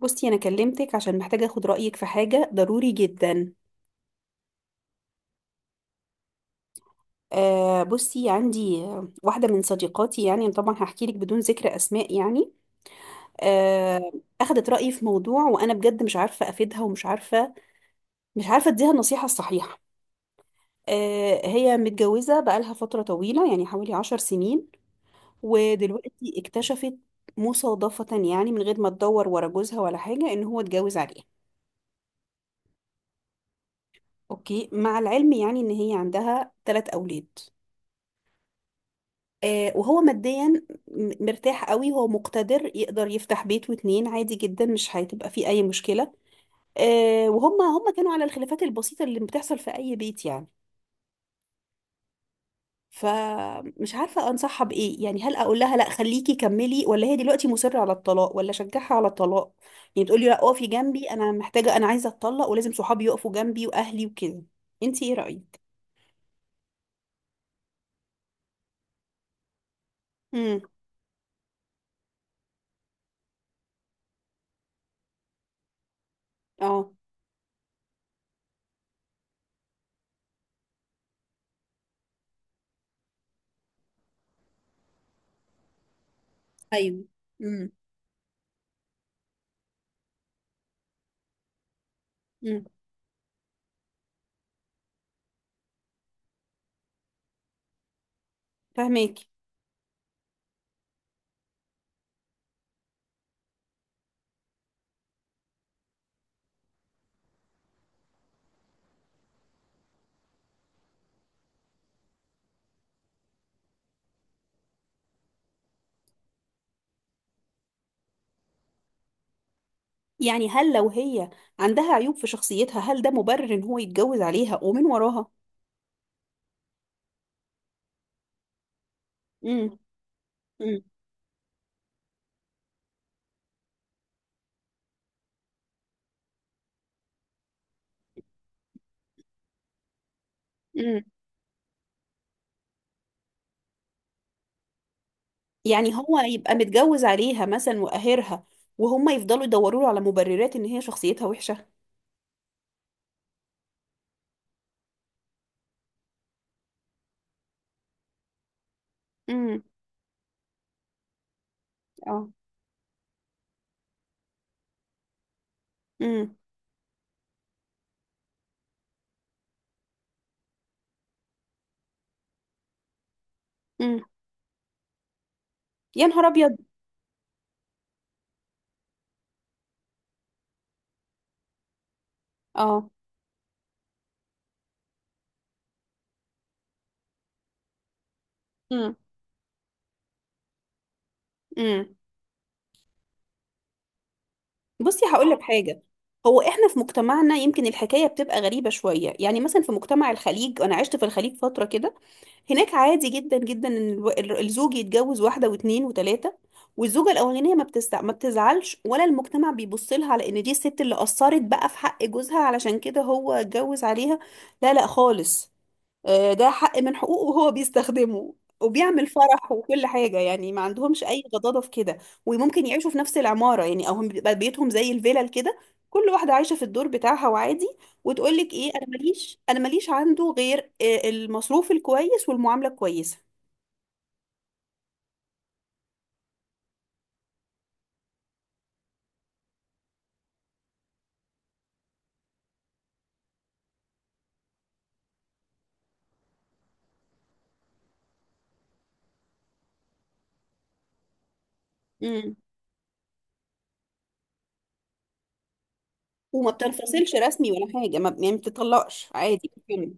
بصي، انا كلمتك عشان محتاجه اخد رايك في حاجه ضروري جدا. بصي عندي واحده من صديقاتي، طبعا هحكي لك بدون ذكر اسماء آه اخدت رايي في موضوع وانا بجد مش عارفه افيدها، ومش عارفه مش عارفه اديها النصيحه الصحيحه. آه، هي متجوزه بقالها فتره طويله، يعني حوالي 10 سنين، ودلوقتي اكتشفت مصادفه، يعني من غير ما تدور ورا جوزها ولا حاجه، ان هو اتجوز عليها. اوكي، مع العلم يعني ان هي عندها 3 اولاد. آه، وهو ماديا مرتاح قوي، هو مقتدر يقدر يفتح بيت واتنين عادي جدا، مش هتبقى فيه اي مشكلة. آه، وهم كانوا على الخلافات البسيطة اللي بتحصل في اي بيت يعني. فمش عارفة انصحها بايه، يعني هل اقول لها لا خليكي كملي، ولا هي دلوقتي مصرة على الطلاق، ولا اشجعها على الطلاق، يعني تقولي لا اقفي جنبي، انا محتاجة، انا عايزة اتطلق ولازم صحابي يقفوا جنبي واهلي وكده. انتي ايه رأيك؟ امم. اه. ايوه. امم. امم. فهماكي. يعني هل لو هي عندها عيوب في شخصيتها، هل ده مبرر ان هو يتجوز عليها ومن وراها؟ امم. امم. امم. يعني هو يبقى متجوز عليها مثلا وقاهرها، وهم يفضلوا يدوروا له على مبررات ان هي شخصيتها وحشة. امم. اه. امم. امم. يا نهار ابيض. اه. امم. امم. بصي، هقول لك حاجة. هو احنا في مجتمعنا يمكن الحكاية بتبقى غريبة شوية. يعني مثلا في مجتمع الخليج، انا عشت في الخليج فترة كده، هناك عادي جدا جدا ان الزوج يتجوز واحده واثنين وثلاثه، والزوجه الاولانيه ما بتزعلش، ولا المجتمع بيبص لها على ان دي الست اللي قصرت بقى في حق جوزها علشان كده هو اتجوز عليها. لا لا خالص. آه، ده حق من حقوقه وهو بيستخدمه، وبيعمل فرح وكل حاجة، يعني ما عندهمش أي غضاضة في كده. وممكن يعيشوا في نفس العمارة يعني، أو هم بيبقى بيتهم زي الفيلل كده، كل واحدة عايشة في الدور بتاعها وعادي. وتقول لك إيه، أنا ماليش، أنا ماليش عنده غير المصروف الكويس والمعاملة الكويسة. امم. وما بتنفصلش رسمي ولا حاجة، ما يعني ما بتطلقش، عادي بتكمل.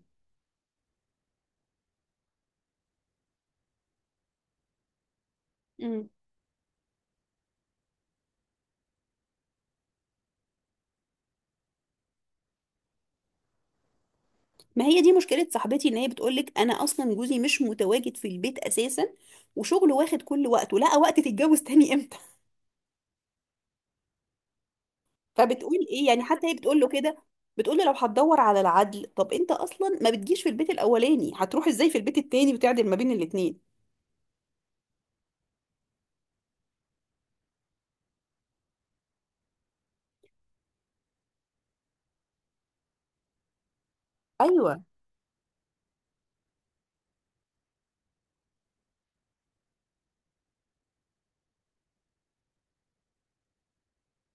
مم. ما هي دي مشكلة صاحبتي، ان هي بتقولك انا اصلا جوزي مش متواجد في البيت اساسا، وشغله واخد كل وقته، لقى وقت تتجوز تاني امتى؟ فبتقول ايه، يعني حتى هي بتقول له كده، بتقول له لو هتدور على العدل، طب انت اصلا ما بتجيش في البيت الاولاني، هتروح ازاي في البيت التاني وتعدل ما بين الاتنين؟ ايوه.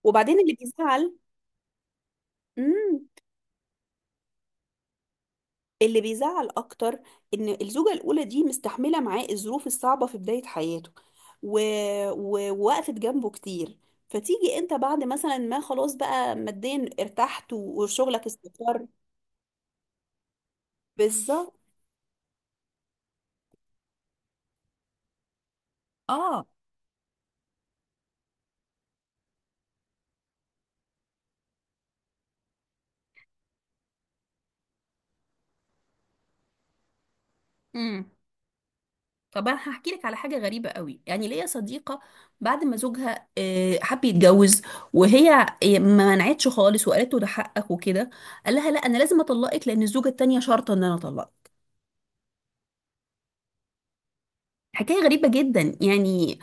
وبعدين اللي بيزعل. امم. اللي بيزعل اكتر ان الزوجه الاولى دي مستحمله معاه الظروف الصعبه في بدايه حياته، و... ووقفت جنبه كتير، فتيجي انت بعد مثلا ما خلاص بقى ماديا ارتحت وشغلك استقر. بالظبط. اه. مم. طب انا هحكي لك على حاجه غريبه قوي. يعني ليا صديقه بعد ما زوجها آه، حب يتجوز، وهي آه، ما منعتش خالص وقالت له ده حقك وكده، قال لها لا انا لازم اطلقك، لان الزوجه التانيه شرطه ان انا اطلقك. حكايه غريبه جدا يعني.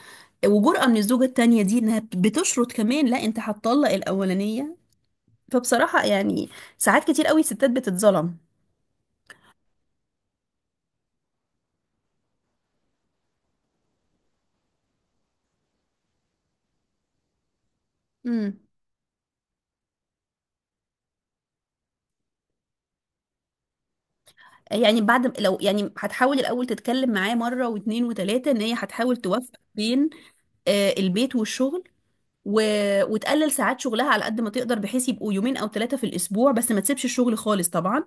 وجرأة من الزوجه التانيه دي انها بتشرط كمان لا انت هتطلق الاولانيه. فبصراحه يعني ساعات كتير قوي الستات بتتظلم. امم. يعني بعد، لو يعني هتحاول الاول تتكلم معاه مره واتنين وتلاته ان هي هتحاول توفق بين آه، البيت والشغل، و... وتقلل ساعات شغلها على قد ما تقدر، بحيث يبقوا يومين او 3 في الاسبوع، بس ما تسيبش الشغل خالص طبعا.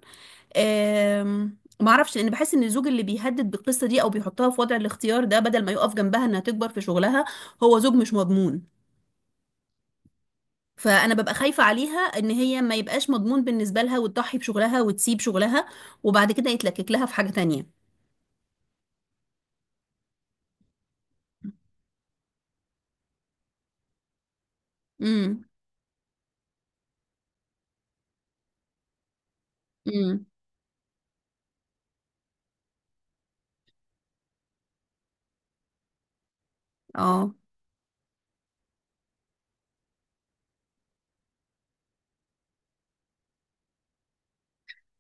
ما اعرفش، لان بحس ان الزوج اللي بيهدد بالقصه دي او بيحطها في وضع الاختيار ده بدل ما يقف جنبها انها تكبر في شغلها، هو زوج مش مضمون. فانا ببقى خايفه عليها ان هي ما يبقاش مضمون بالنسبه لها وتضحي بشغلها وتسيب شغلها، وبعد كده يتلكك لها في حاجه تانية. امم. امم. اه.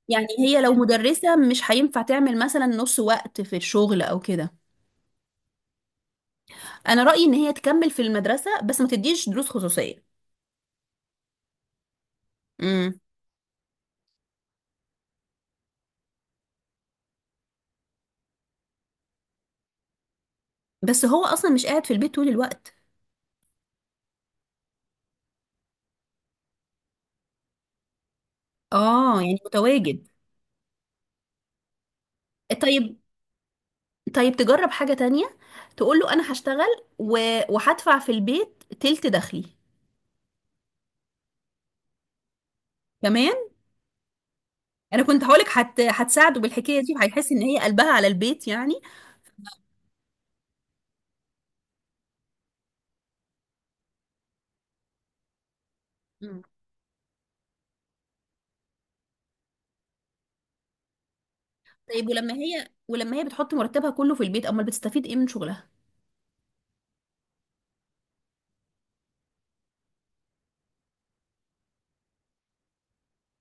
يعني هي لو مدرسه مش هينفع تعمل مثلا نص وقت في الشغل او كده؟ انا رايي ان هي تكمل في المدرسه بس ما تديش دروس خصوصيه. امم. بس هو اصلا مش قاعد في البيت طول الوقت. اه، يعني متواجد. طيب. طيب تجرب حاجه تانية، تقول له انا هشتغل و... وهدفع في البيت تلت دخلي. كمان. انا كنت هقولك هتساعده بالحكايه دي، وهيحس ان هي قلبها على البيت يعني. مم. طيب، ولما هي بتحط مرتبها كله في البيت، امال بتستفيد ايه من شغلها؟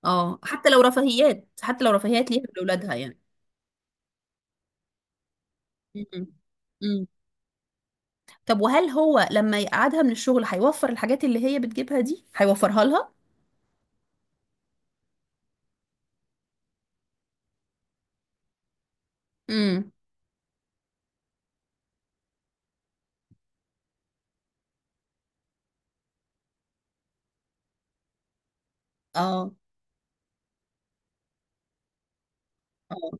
اه، حتى لو رفاهيات، حتى لو رفاهيات ليها لاولادها يعني. مم. طب وهل هو لما يقعدها من الشغل هيوفر الحاجات اللي هي بتجيبها دي، هيوفرها لها؟ امم. اه. اه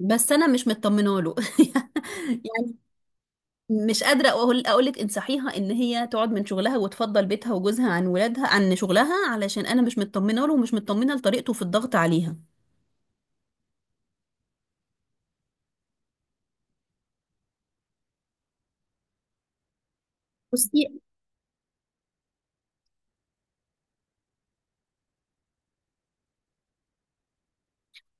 بس انا مش مطمنه له يعني. مش قادره اقول لك انصحيها ان هي تقعد من شغلها، وتفضل بيتها وجوزها عن ولادها عن شغلها، علشان انا مش مطمنه له، ومش مطمنه لطريقته في الضغط عليها. بصي.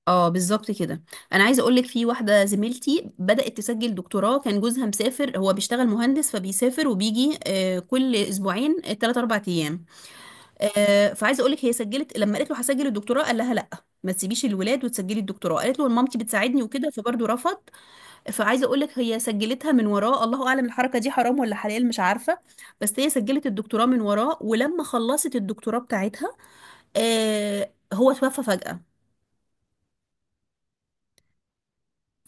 اه، بالظبط كده. انا عايزه اقول لك في واحده زميلتي بدات تسجل دكتوراه، كان جوزها مسافر، هو بيشتغل مهندس فبيسافر وبيجي آه، كل أسبوعين 3 4 ايام. آه، فعايزه اقول لك هي سجلت، لما قالت له هسجل الدكتوراه، قال لها لا ما تسيبيش الولاد وتسجلي الدكتوراه، قالت له مامتي بتساعدني وكده، فبرضه رفض. فعايزه اقول لك هي سجلتها من وراه، الله اعلم الحركه دي حرام ولا حلال مش عارفه، بس هي سجلت الدكتوراه من وراه، ولما خلصت الدكتوراه بتاعتها آه، هو توفى فجأة.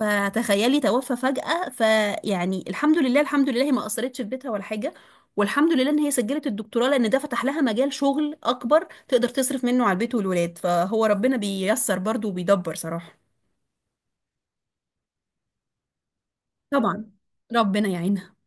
فتخيلي توفى فجأة، فيعني الحمد لله الحمد لله هي ما أثرتش في بيتها ولا حاجة، والحمد لله إن هي سجلت الدكتوراه لأن ده فتح لها مجال شغل أكبر تقدر تصرف منه على البيت والولاد، فهو ربنا بييسر برضه وبيدبر صراحة. طبعا. ربنا يعينها.